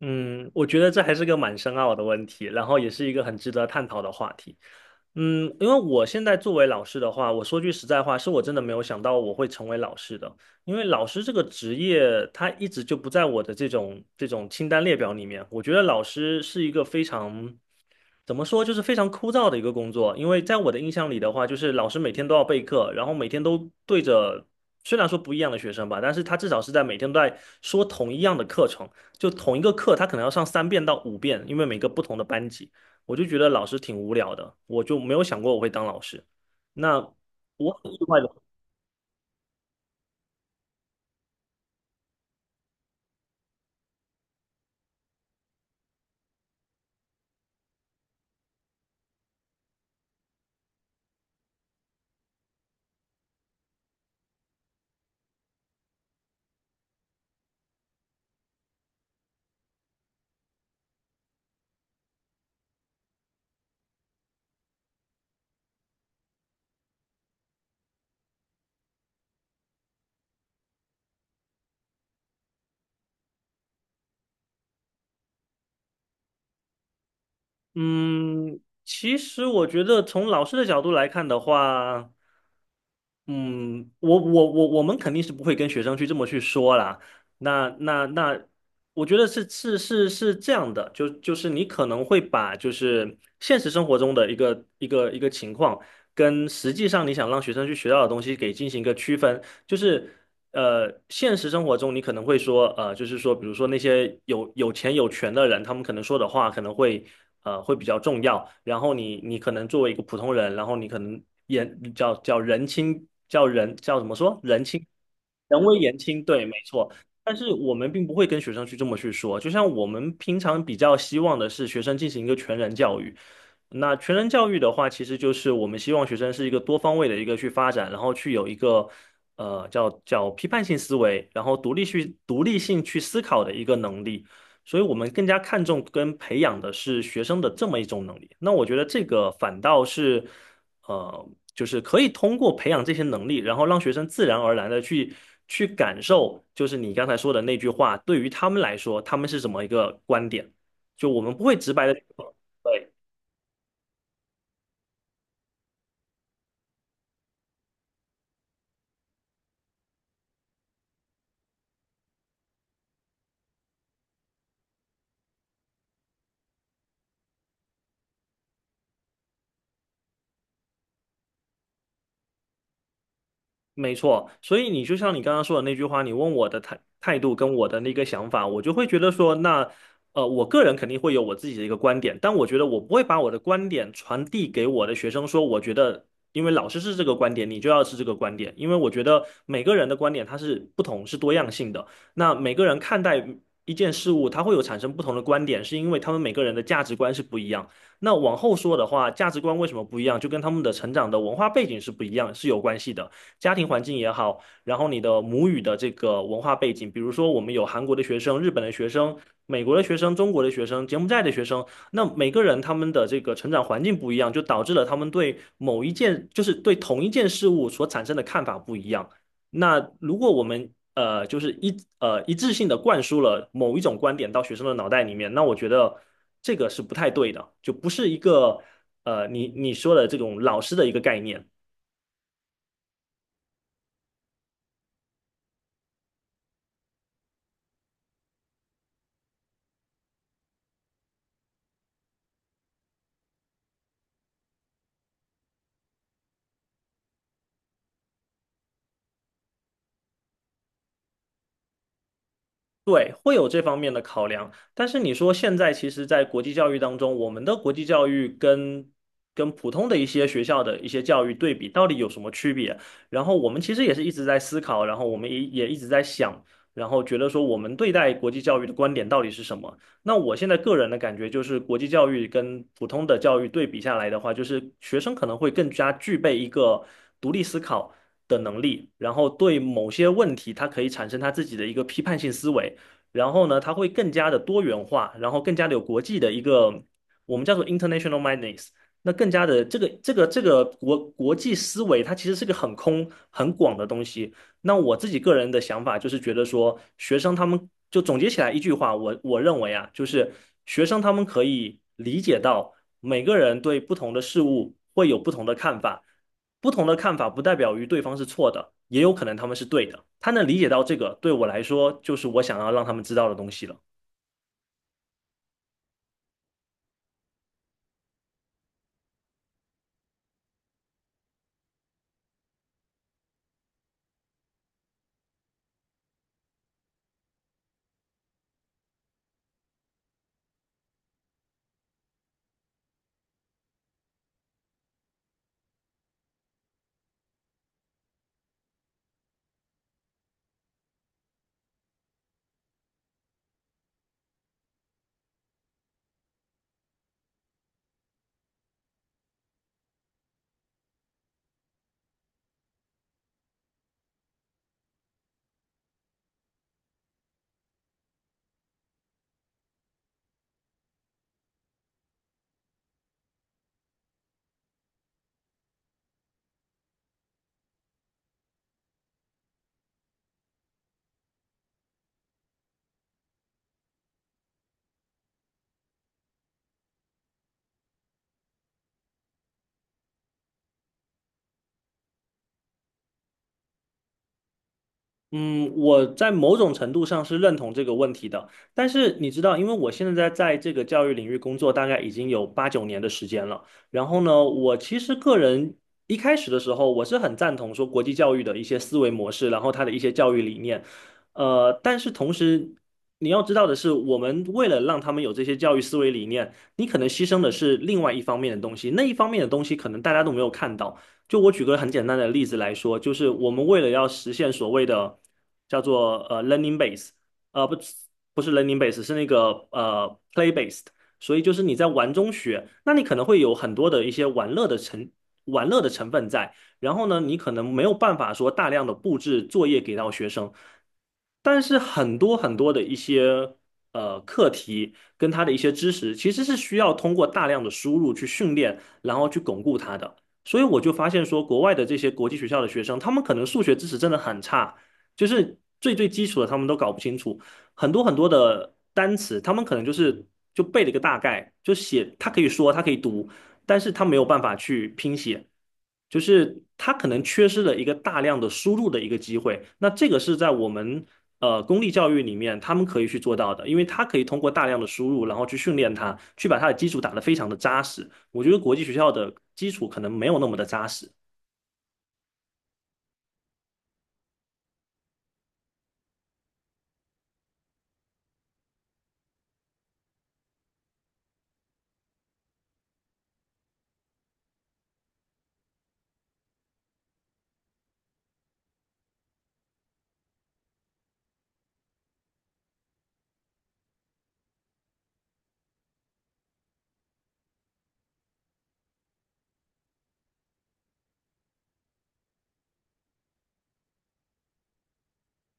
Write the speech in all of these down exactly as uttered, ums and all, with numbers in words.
嗯，我觉得这还是个蛮深奥的问题，然后也是一个很值得探讨的话题。嗯，因为我现在作为老师的话，我说句实在话，是我真的没有想到我会成为老师的，因为老师这个职业，他一直就不在我的这种这种清单列表里面。我觉得老师是一个非常，怎么说，就是非常枯燥的一个工作，因为在我的印象里的话，就是老师每天都要备课，然后每天都对着。虽然说不一样的学生吧，但是他至少是在每天都在说同一样的课程，就同一个课，他可能要上三遍到五遍，因为每个不同的班级，我就觉得老师挺无聊的，我就没有想过我会当老师。那我很意外的。嗯，其实我觉得从老师的角度来看的话。嗯，我我我我们肯定是不会跟学生去这么去说啦。那那那，我觉得是是是是这样的，就就是你可能会把就是现实生活中的一个一个一个情况，跟实际上你想让学生去学到的东西给进行一个区分。就是呃，现实生活中你可能会说，呃，就是说，比如说那些有有钱有权的人，他们可能说的话可能会呃会比较重要。然后你你可能作为一个普通人，然后你可能言叫叫人轻叫人叫怎么说人轻人微言轻，对，没错。但是我们并不会跟学生去这么去说，就像我们平常比较希望的是学生进行一个全人教育，那全人教育的话，其实就是我们希望学生是一个多方位的一个去发展，然后去有一个呃叫叫批判性思维，然后独立去独立性去思考的一个能力。所以我们更加看重跟培养的是学生的这么一种能力。那我觉得这个反倒是呃，就是可以通过培养这些能力，然后让学生自然而然的去去感受，就是你刚才说的那句话，对于他们来说，他们是什么一个观点？就我们不会直白的。对。没错，所以你就像你刚刚说的那句话，你问我的态态度跟我的那个想法，我就会觉得说，那呃，我个人肯定会有我自己的一个观点，但我觉得我不会把我的观点传递给我的学生说，我觉得因为老师是这个观点，你就要是这个观点，因为我觉得每个人的观点它是不同，是多样性的。那每个人看待一件事物，它会有产生不同的观点，是因为他们每个人的价值观是不一样。那往后说的话，价值观为什么不一样，就跟他们的成长的文化背景是不一样，是有关系的。家庭环境也好，然后你的母语的这个文化背景，比如说我们有韩国的学生、日本的学生、美国的学生、中国的学生、柬埔寨的学生，那每个人他们的这个成长环境不一样，就导致了他们对某一件，就是对同一件事物所产生的看法不一样。那如果我们呃，就是一呃一致性的灌输了某一种观点到学生的脑袋里面，那我觉得这个是不太对的，就不是一个呃你你说的这种老师的一个概念。对，会有这方面的考量，但是你说现在其实，在国际教育当中，我们的国际教育跟跟普通的一些学校的一些教育对比，到底有什么区别？然后我们其实也是一直在思考，然后我们也也一直在想，然后觉得说我们对待国际教育的观点到底是什么？那我现在个人的感觉就是，国际教育跟普通的教育对比下来的话，就是学生可能会更加具备一个独立思考的能力，然后对某些问题，他可以产生他自己的一个批判性思维。然后呢，它会更加的多元化，然后更加的有国际的一个我们叫做 international m i n d n e s s。 那更加的这个这个这个国国际思维，它其实是个很空很广的东西。那我自己个人的想法就是觉得说，学生他们就总结起来一句话，我我认为啊，就是学生他们可以理解到每个人对不同的事物会有不同的看法，不同的看法不代表于对方是错的，也有可能他们是对的。他能理解到这个，对我来说就是我想要让他们知道的东西了。嗯，我在某种程度上是认同这个问题的，但是你知道，因为我现在在这个教育领域工作，大概已经有八九年的时间了。然后呢，我其实个人一开始的时候，我是很赞同说国际教育的一些思维模式，然后他的一些教育理念。呃，但是同时你要知道的是，我们为了让他们有这些教育思维理念，你可能牺牲的是另外一方面的东西，那一方面的东西可能大家都没有看到。就我举个很简单的例子来说，就是我们为了要实现所谓的叫做呃 learning base，呃不不是 learning base，是那个呃 play based，所以就是你在玩中学，那你可能会有很多的一些玩乐的成玩乐的成分在，然后呢，你可能没有办法说大量的布置作业给到学生，但是很多很多的一些呃课题跟他的一些知识，其实是需要通过大量的输入去训练，然后去巩固它的。所以我就发现说，国外的这些国际学校的学生，他们可能数学知识真的很差，就是最最基础的他们都搞不清楚，很多很多的单词，他们可能就是就背了一个大概，就写，他可以说，他可以读，但是他没有办法去拼写，就是他可能缺失了一个大量的输入的一个机会。那这个是在我们呃公立教育里面他们可以去做到的，因为他可以通过大量的输入，然后去训练它，去把它的基础打得非常的扎实。我觉得国际学校的基础可能没有那么的扎实。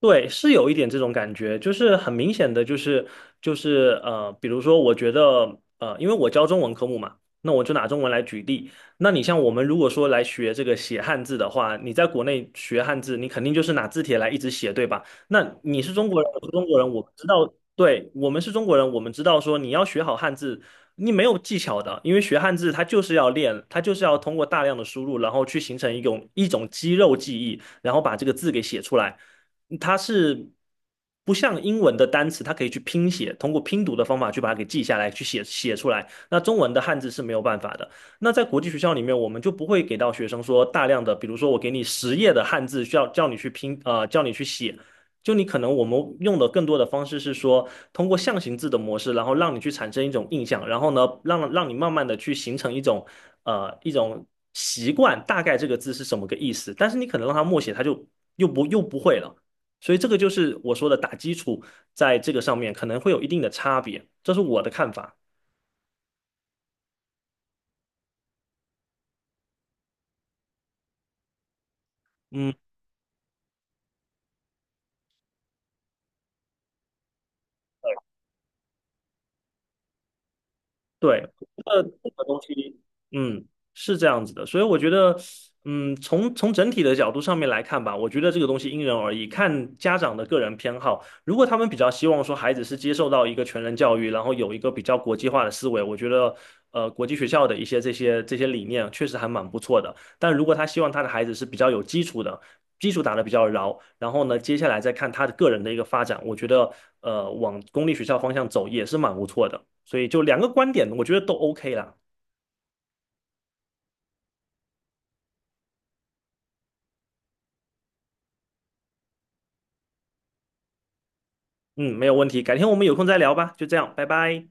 对，是有一点这种感觉，就是很明显的，就是就是呃，比如说，我觉得呃，因为我教中文科目嘛，那我就拿中文来举例。那你像我们如果说来学这个写汉字的话，你在国内学汉字，你肯定就是拿字帖来一直写，对吧？那你是中国人，我是中国人，我们知道，对，我们是中国人，我们知道说你要学好汉字，你没有技巧的，因为学汉字它就是要练，它就是要通过大量的输入，然后去形成一种一种肌肉记忆，然后把这个字给写出来。它是不像英文的单词，它可以去拼写，通过拼读的方法去把它给记下来，去写写出来。那中文的汉字是没有办法的。那在国际学校里面，我们就不会给到学生说大量的，比如说我给你十页的汉字，需要叫你去拼，呃，叫你去写。就你可能我们用的更多的方式是说，通过象形字的模式，然后让你去产生一种印象，然后呢，让让你慢慢的去形成一种呃一种习惯，大概这个字是什么个意思。但是你可能让他默写，他就又不又不会了。所以这个就是我说的打基础，在这个上面可能会有一定的差别，这是我的看法。嗯。对，呃，这个东西，嗯，是这样子的，所以我觉得，嗯，从从整体的角度上面来看吧，我觉得这个东西因人而异，看家长的个人偏好。如果他们比较希望说孩子是接受到一个全人教育，然后有一个比较国际化的思维，我觉得，呃，国际学校的一些这些这些理念确实还蛮不错的。但如果他希望他的孩子是比较有基础的，基础打得比较牢，然后呢，接下来再看他的个人的一个发展，我觉得，呃，往公立学校方向走也是蛮不错的。所以就两个观点，我觉得都 OK 啦。嗯，没有问题，改天我们有空再聊吧，就这样，拜拜。